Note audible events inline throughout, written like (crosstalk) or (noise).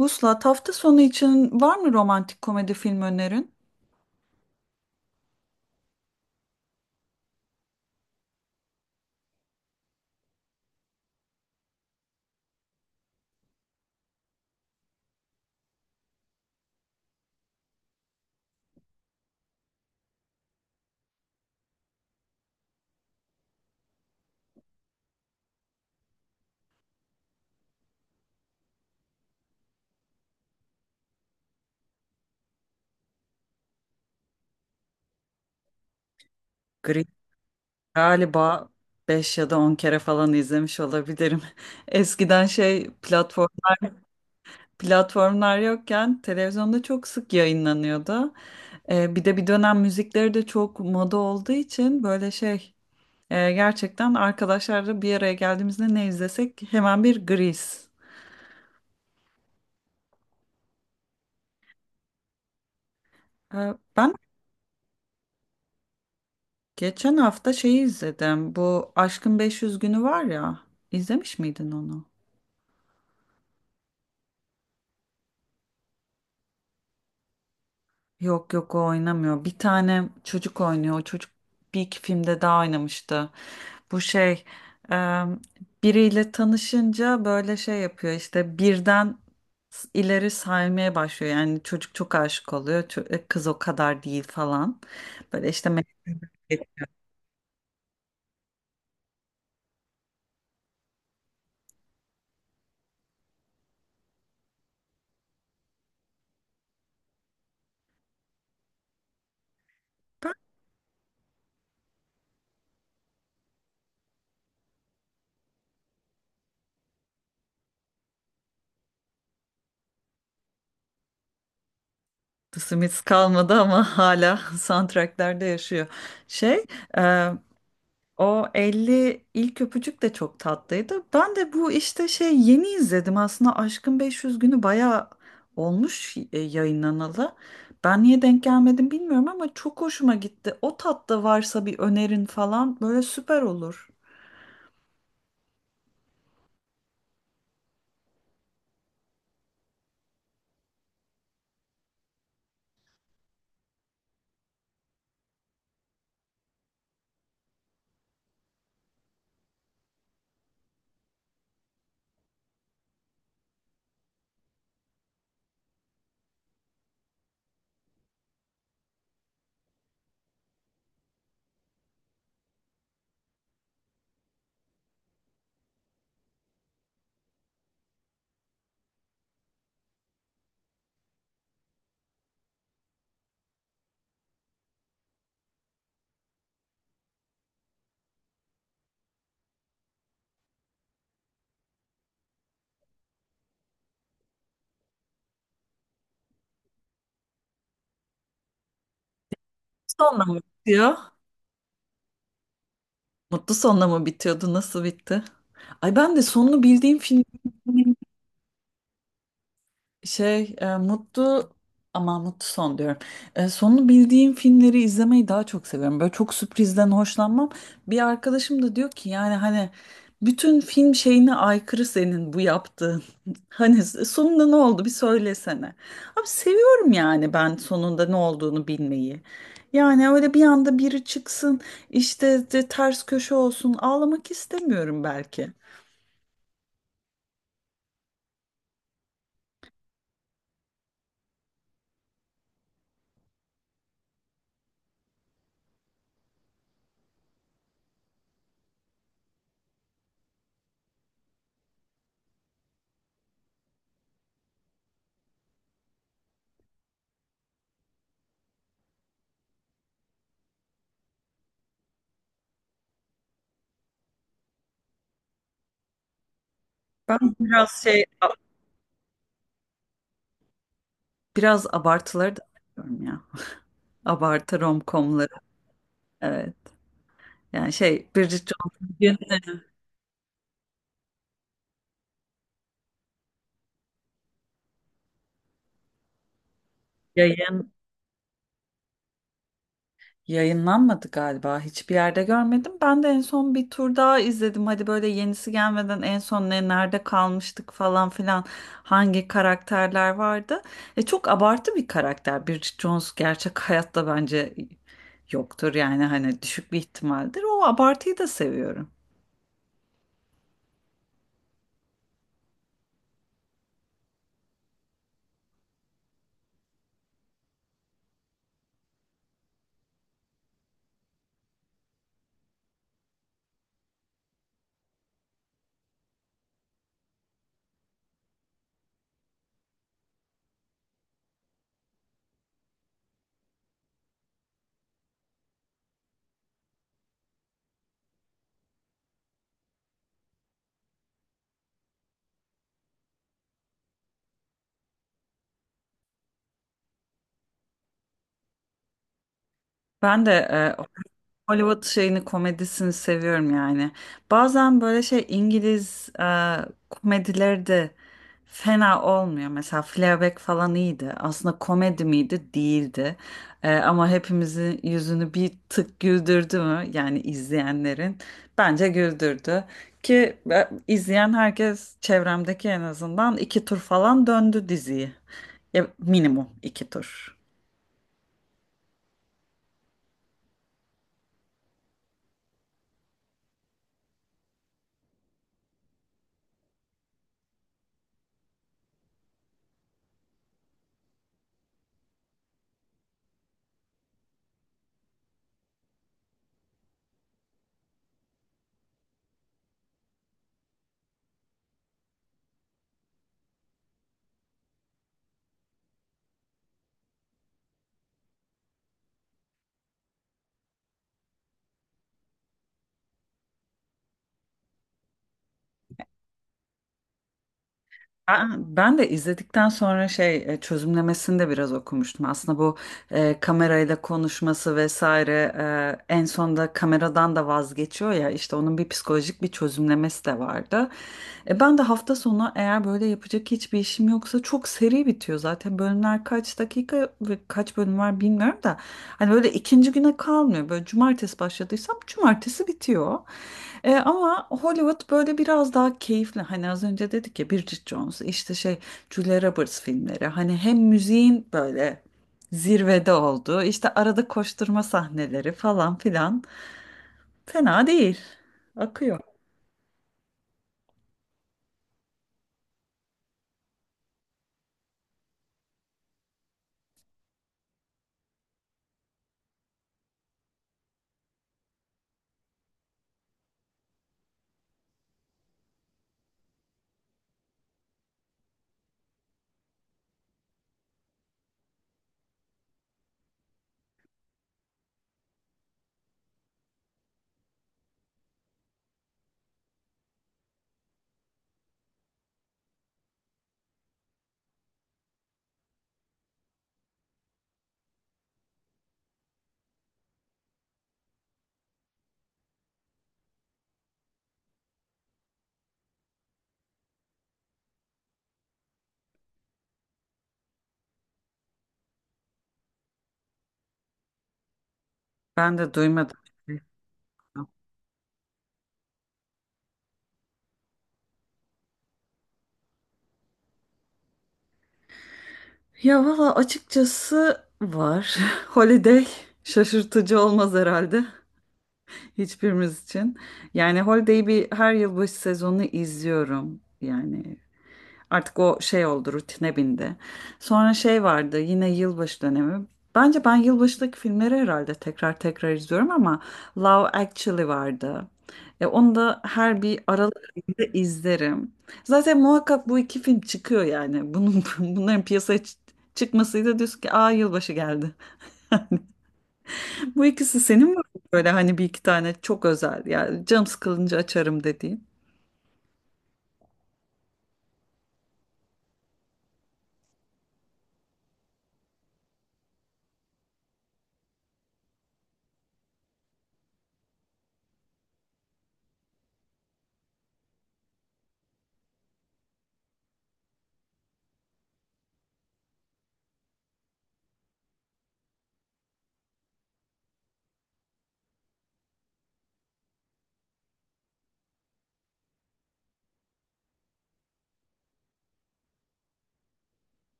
Vuslat, hafta sonu için var mı romantik komedi film önerin? Gri galiba 5 ya da 10 kere falan izlemiş olabilirim. (laughs) Eskiden platformlar yokken televizyonda çok sık yayınlanıyordu. Bir de bir dönem müzikleri de çok moda olduğu için böyle gerçekten arkadaşlarla bir araya geldiğimizde ne izlesek hemen bir Gris. Ben geçen hafta şeyi izledim. Bu Aşkın 500 Günü var ya. İzlemiş miydin onu? Yok yok, o oynamıyor. Bir tane çocuk oynuyor. O çocuk bir iki filmde daha oynamıştı. Bu şey e, biriyle tanışınca böyle şey yapıyor işte birden ileri saymaya başlıyor. Yani çocuk çok aşık oluyor. Kız o kadar değil falan. Böyle işte Meredith Smith kalmadı ama (laughs) hala soundtracklerde yaşıyor. Şey O elli ilk öpücük de çok tatlıydı. Ben de bu işte yeni izledim aslında, Aşkın 500 günü bayağı olmuş yayınlanalı. Ben niye denk gelmedim bilmiyorum ama çok hoşuma gitti. O tatta varsa bir önerin falan böyle süper olur. Sonla mı bitiyor? Mutlu sonla mı bitiyordu? Nasıl bitti? Ay, ben de sonunu bildiğim film, mutlu ama mutlu son diyorum. Sonunu bildiğim filmleri izlemeyi daha çok seviyorum. Böyle çok sürprizden hoşlanmam. Bir arkadaşım da diyor ki yani hani bütün film şeyine aykırı senin bu yaptığın. (laughs) Hani sonunda ne oldu bir söylesene. Abi seviyorum yani ben sonunda ne olduğunu bilmeyi. Yani öyle bir anda biri çıksın işte de ters köşe olsun, ağlamak istemiyorum belki. Ben biraz abartıları da seviyorum ya. Abartı romcomları. Evet. Yani Bridget Jones'un bugün yayın yayınlanmadı galiba. Hiçbir yerde görmedim. Ben de en son bir tur daha izledim. Hadi böyle yenisi gelmeden en son ne nerede kalmıştık falan filan, hangi karakterler vardı. Çok abartı bir karakter. Bridget Jones gerçek (laughs) hayatta bence yoktur. Yani hani düşük bir ihtimaldir. O abartıyı da seviyorum. Ben de e, Hollywood komedisini seviyorum yani. Bazen böyle İngiliz komedileri de fena olmuyor. Mesela Fleabag falan iyiydi. Aslında komedi miydi? Değildi. Ama hepimizin yüzünü bir tık güldürdü mü? Yani izleyenlerin bence güldürdü. Ki izleyen herkes çevremdeki en azından iki tur falan döndü diziyi. Ya, minimum iki tur. Ben de izledikten sonra çözümlemesini de biraz okumuştum. Aslında bu kamerayla konuşması vesaire en sonunda kameradan da vazgeçiyor ya, işte onun bir psikolojik bir çözümlemesi de vardı. Ben de hafta sonu eğer böyle yapacak hiçbir işim yoksa, çok seri bitiyor zaten, bölümler kaç dakika ve kaç bölüm var bilmiyorum da hani böyle ikinci güne kalmıyor, böyle cumartesi başladıysam cumartesi bitiyor. Ama Hollywood böyle biraz daha keyifli. Hani az önce dedik ya, Bridget Jones, işte Julia Roberts filmleri. Hani hem müziğin böyle zirvede oldu. İşte arada koşturma sahneleri falan filan. Fena değil. Akıyor. Ben de duymadım. Ya valla, açıkçası var. (laughs) Holiday şaşırtıcı olmaz herhalde hiçbirimiz için. Yani Holiday'i bir her yılbaşı sezonu izliyorum. Yani artık o şey oldu, rutine bindi. Sonra şey vardı, yine yılbaşı dönemi. Bence ben yılbaşındaki filmleri herhalde tekrar tekrar izliyorum ama Love Actually vardı. Onu da her bir Aralık ayında izlerim. Zaten muhakkak bu iki film çıkıyor yani. Bunun, (laughs) bunların piyasaya çıkmasıyla diyorsun ki aa, yılbaşı geldi. (laughs) Bu ikisi senin var mı böyle hani, bir iki tane çok özel yani canım sıkılınca açarım dediğin?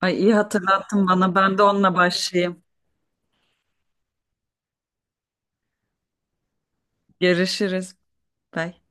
Ay iyi hatırlattın bana, ben de onunla başlayayım. Görüşürüz. Bye.